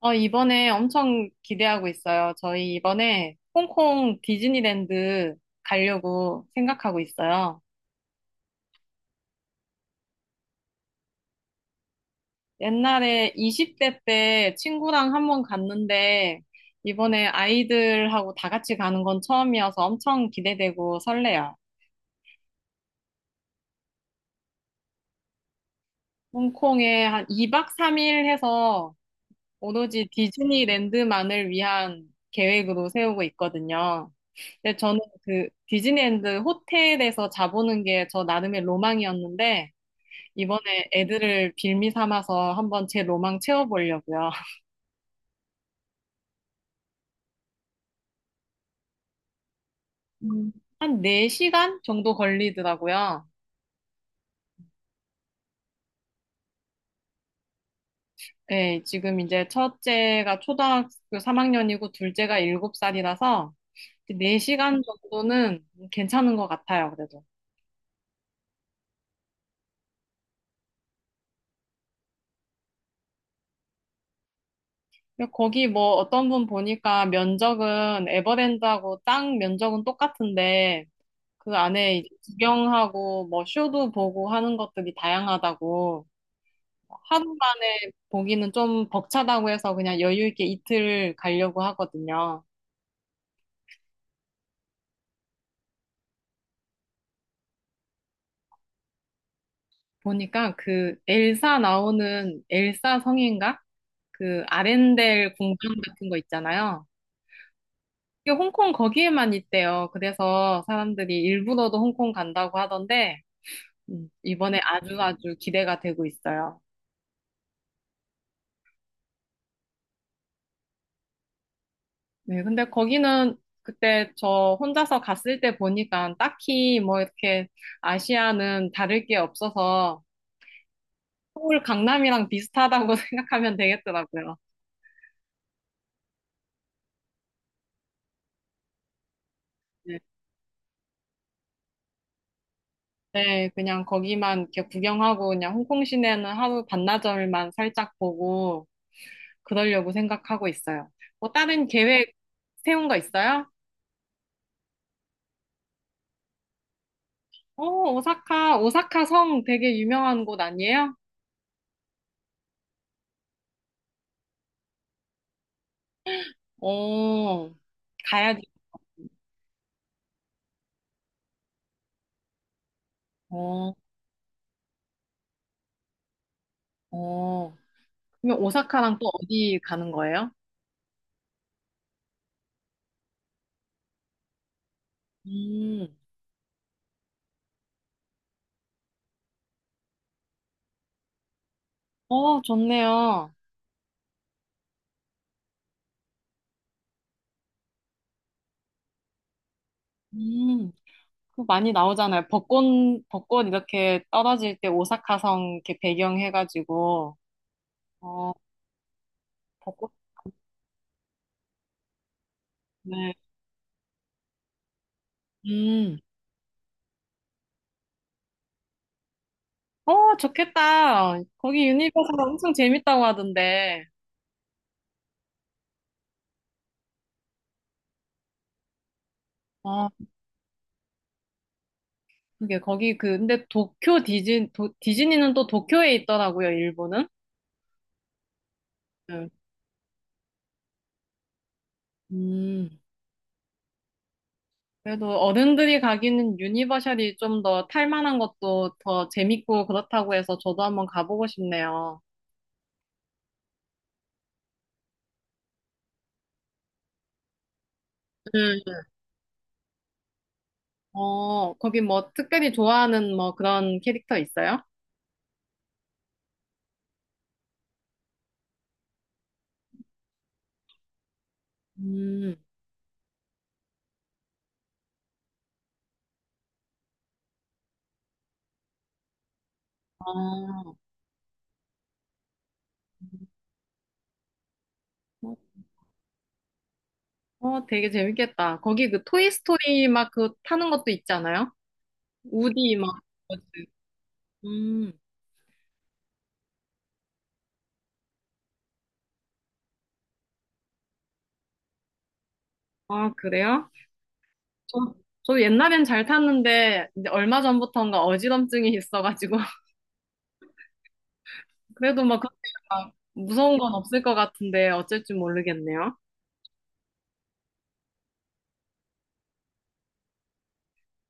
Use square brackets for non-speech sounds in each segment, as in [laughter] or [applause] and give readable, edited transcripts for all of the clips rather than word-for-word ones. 이번에 엄청 기대하고 있어요. 저희 이번에 홍콩 디즈니랜드 가려고 생각하고 있어요. 옛날에 20대 때 친구랑 한번 갔는데 이번에 아이들하고 다 같이 가는 건 처음이어서 엄청 기대되고 설레요. 홍콩에 한 2박 3일 해서 오로지 디즈니랜드만을 위한 계획으로 세우고 있거든요. 근데 저는 그 디즈니랜드 호텔에서 자보는 게 저 나름의 로망이었는데 이번에 애들을 빌미 삼아서 한번 제 로망 채워보려고요. [laughs] 음. 한 4시간 정도 걸리더라고요. 네, 지금 이제 첫째가 초등학교 3학년이고 둘째가 7살이라서 4시간 정도는 괜찮은 것 같아요, 그래도. 근데 거기 뭐 어떤 분 보니까 면적은 에버랜드하고 땅 면적은 똑같은데 그 안에 이제 구경하고 뭐 쇼도 보고 하는 것들이 다양하다고. 하루 만에 보기는 좀 벅차다고 해서 그냥 여유 있게 이틀 가려고 하거든요. 보니까 그 엘사 나오는 엘사 성인가? 그 아렌델 공방 같은 거 있잖아요. 이게 홍콩 거기에만 있대요. 그래서 사람들이 일부러도 홍콩 간다고 하던데 이번에 아주 아주 기대가 되고 있어요. 네, 근데 거기는 그때 저 혼자서 갔을 때 보니까 딱히 뭐 이렇게 아시아는 다를 게 없어서 서울 강남이랑 비슷하다고 [laughs] 생각하면 되겠더라고요. 네, 네, 그냥 거기만 이렇게 구경하고 그냥 홍콩 시내는 하루 반나절만 살짝 보고 그러려고 생각하고 있어요. 뭐 다른 계획 세운 거 있어요? 오, 오사카, 오사카 성 되게 유명한 곳 아니에요? 오 가야지. 오, 오. 그럼 오사카랑 또 어디 가는 거예요? 음, 어, 좋네요. 음. 많이 나오잖아요. 벚꽃, 벚꽃 이렇게 떨어질 때 오사카성 이렇게 배경해가지고, 어, 벚꽃, 네. 음, 어, 좋겠다. 거기 유니버설 엄청 재밌다고 하던데. 아, 그게 거기 그, 근데 도쿄 디즈니, 도, 디즈니는 또 도쿄에 있더라고요, 일본은. 네. 음, 그래도 어른들이 가기는 유니버셜이 좀 더 탈만한 것도 더 재밌고 그렇다고 해서 저도 한번 가보고 싶네요. 어, 거기 뭐 특별히 좋아하는 뭐 그런 캐릭터 있어요? 음, 아, 어, 되게 재밌겠다. 거기 그 토이스토리 막 그 타는 것도 있지 않아요? 우디 막. 그거지. 음, 아, 그래요? 저, 저 옛날엔 잘 탔는데, 이제 얼마 전부터인가 어지럼증이 있어가지고. [laughs] 그래도 막 그렇게 막 무서운 건 없을 것 같은데, 어쩔 줄 모르겠네요.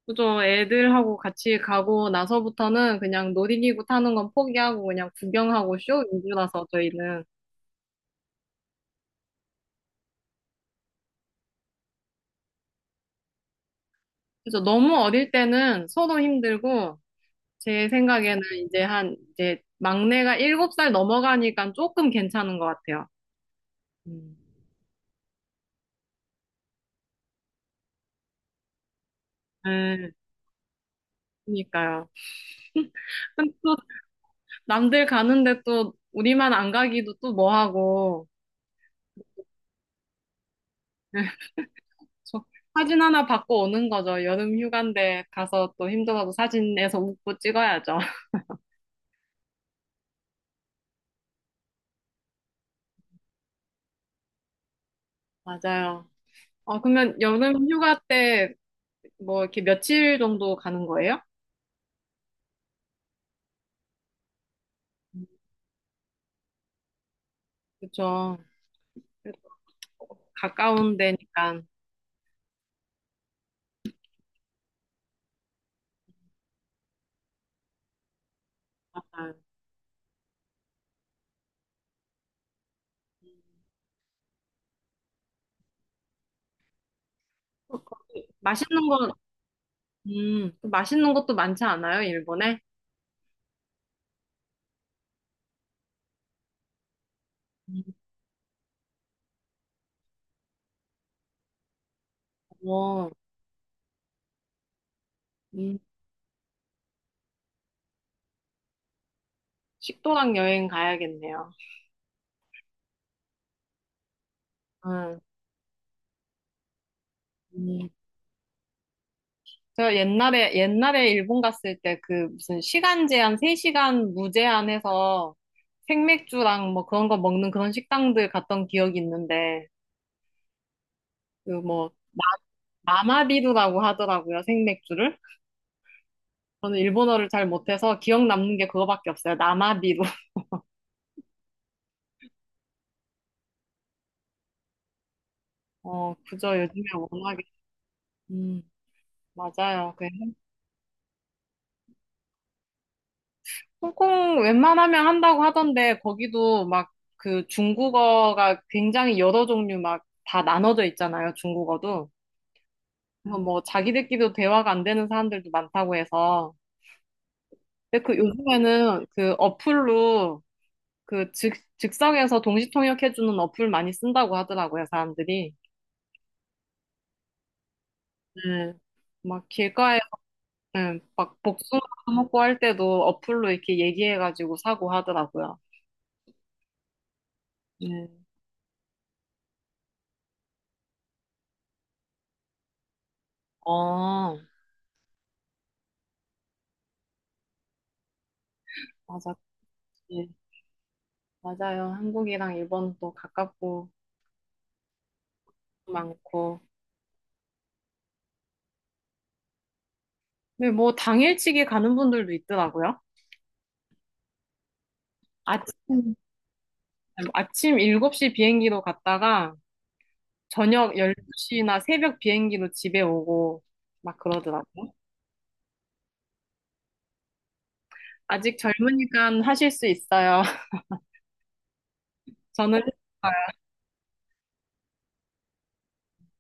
그죠. 애들하고 같이 가고 나서부터는 그냥 놀이기구 타는 건 포기하고 그냥 구경하고 쇼 위주라서 저희는. 그죠. 너무 어릴 때는 서로 힘들고 제 생각에는 이제 한 이제 막내가 일곱 살 넘어가니까 조금 괜찮은 것 같아요. 음. 네, 그러니까요. 근데 또 남들 가는데 또 우리만 안 가기도 또 뭐하고. [laughs] 저 사진 하나 받고 오는 거죠. 여름 휴가인데 가서 또 힘들어도 사진에서 웃고 찍어야죠. [laughs] 맞아요. 아, 그러면 여름 휴가 때 뭐 이렇게 며칠 정도 가는 거예요? 음, 그죠. 그래도 가까운 데니까. 약간, 어, 거기 맛있는 거, 또 맛있는 것도 많지 않아요, 일본에? 음, 어, 음, 식도락 여행 가야겠네요. 음, 음. 제가 옛날에 일본 갔을 때 그 무슨 시간 제한, 3시간 무제한 해서 생맥주랑 뭐 그런 거 먹는 그런 식당들 갔던 기억이 있는데, 그 뭐, 나마비루라고 하더라고요, 생맥주를. 저는 일본어를 잘 못해서 기억 남는 게 그거밖에 없어요. 나마비루. [laughs] 어, 그죠. 요즘에 워낙에, 음, 맞아요. 그 홍콩 웬만하면 한다고 하던데, 거기도 막 그 중국어가 굉장히 여러 종류 막 다 나눠져 있잖아요, 중국어도. 그래서 뭐 자기들끼리도 대화가 안 되는 사람들도 많다고 해서. 근데 그 요즘에는 그 어플로 그 즉석에서 동시 통역해주는 어플 많이 쓴다고 하더라고요, 사람들이. 네. 막 길가에 네. 막 복숭아 먹고 할 때도 어플로 이렇게 얘기해가지고 사고 하더라고요. 네. 어, 맞아. 예. 맞아요. 한국이랑 일본도 가깝고 많고. 근데 뭐 당일치기 가는 분들도 있더라고요. 아침, 아침 7시 비행기로 갔다가 저녁 12시나 새벽 비행기로 집에 오고 막 그러더라고요. 아직 젊으니까 하실 수 있어요. [laughs] 저는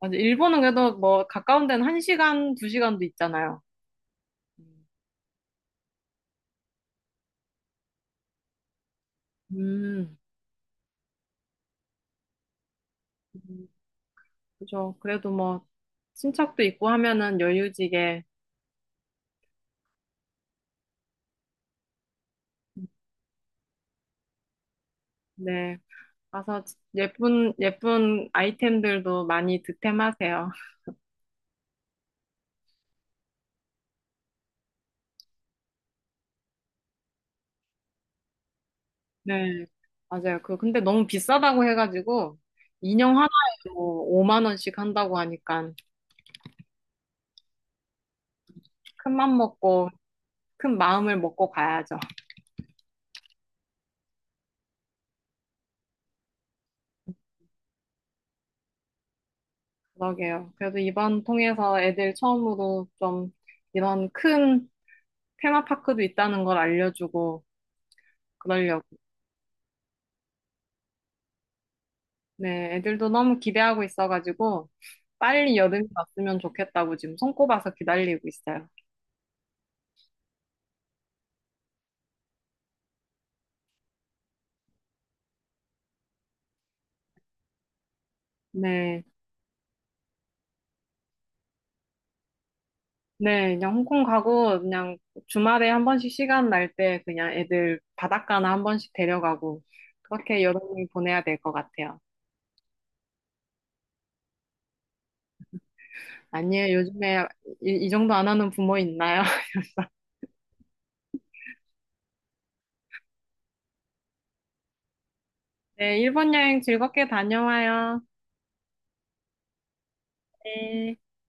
맞아. 일본은 그래도 뭐 가까운 데는 1시간, 2시간도 있잖아요. 음, 음, 음, 그죠. 그래도 뭐 친척도 있고 하면은 여유지게 네. 가서 예쁜 예쁜 아이템들도 많이 득템하세요. [laughs] 네. 맞아요. 그 근데 너무 비싸다고 해가지고 인형 하나에 뭐 5만 원씩 한다고 하니까 큰 맘 먹고 큰 마음을 먹고 가야죠. 그러게요. 그래도 이번 통해서 애들 처음으로 좀 이런 큰 테마파크도 있다는 걸 알려주고 그러려고. 네, 애들도 너무 기대하고 있어가지고 빨리 여름이 왔으면 좋겠다고 지금 손꼽아서 기다리고 있어요. 네, 네, 그냥 홍콩 가고 그냥 주말에 한 번씩 시간 날 때 그냥 애들 바닷가나 한 번씩 데려가고 그렇게 여름을 보내야 될 것 같아요. 아니에요, 요즘에 이 정도 안 하는 부모 있나요? [laughs] 네, 일본 여행 즐겁게 다녀와요. 네.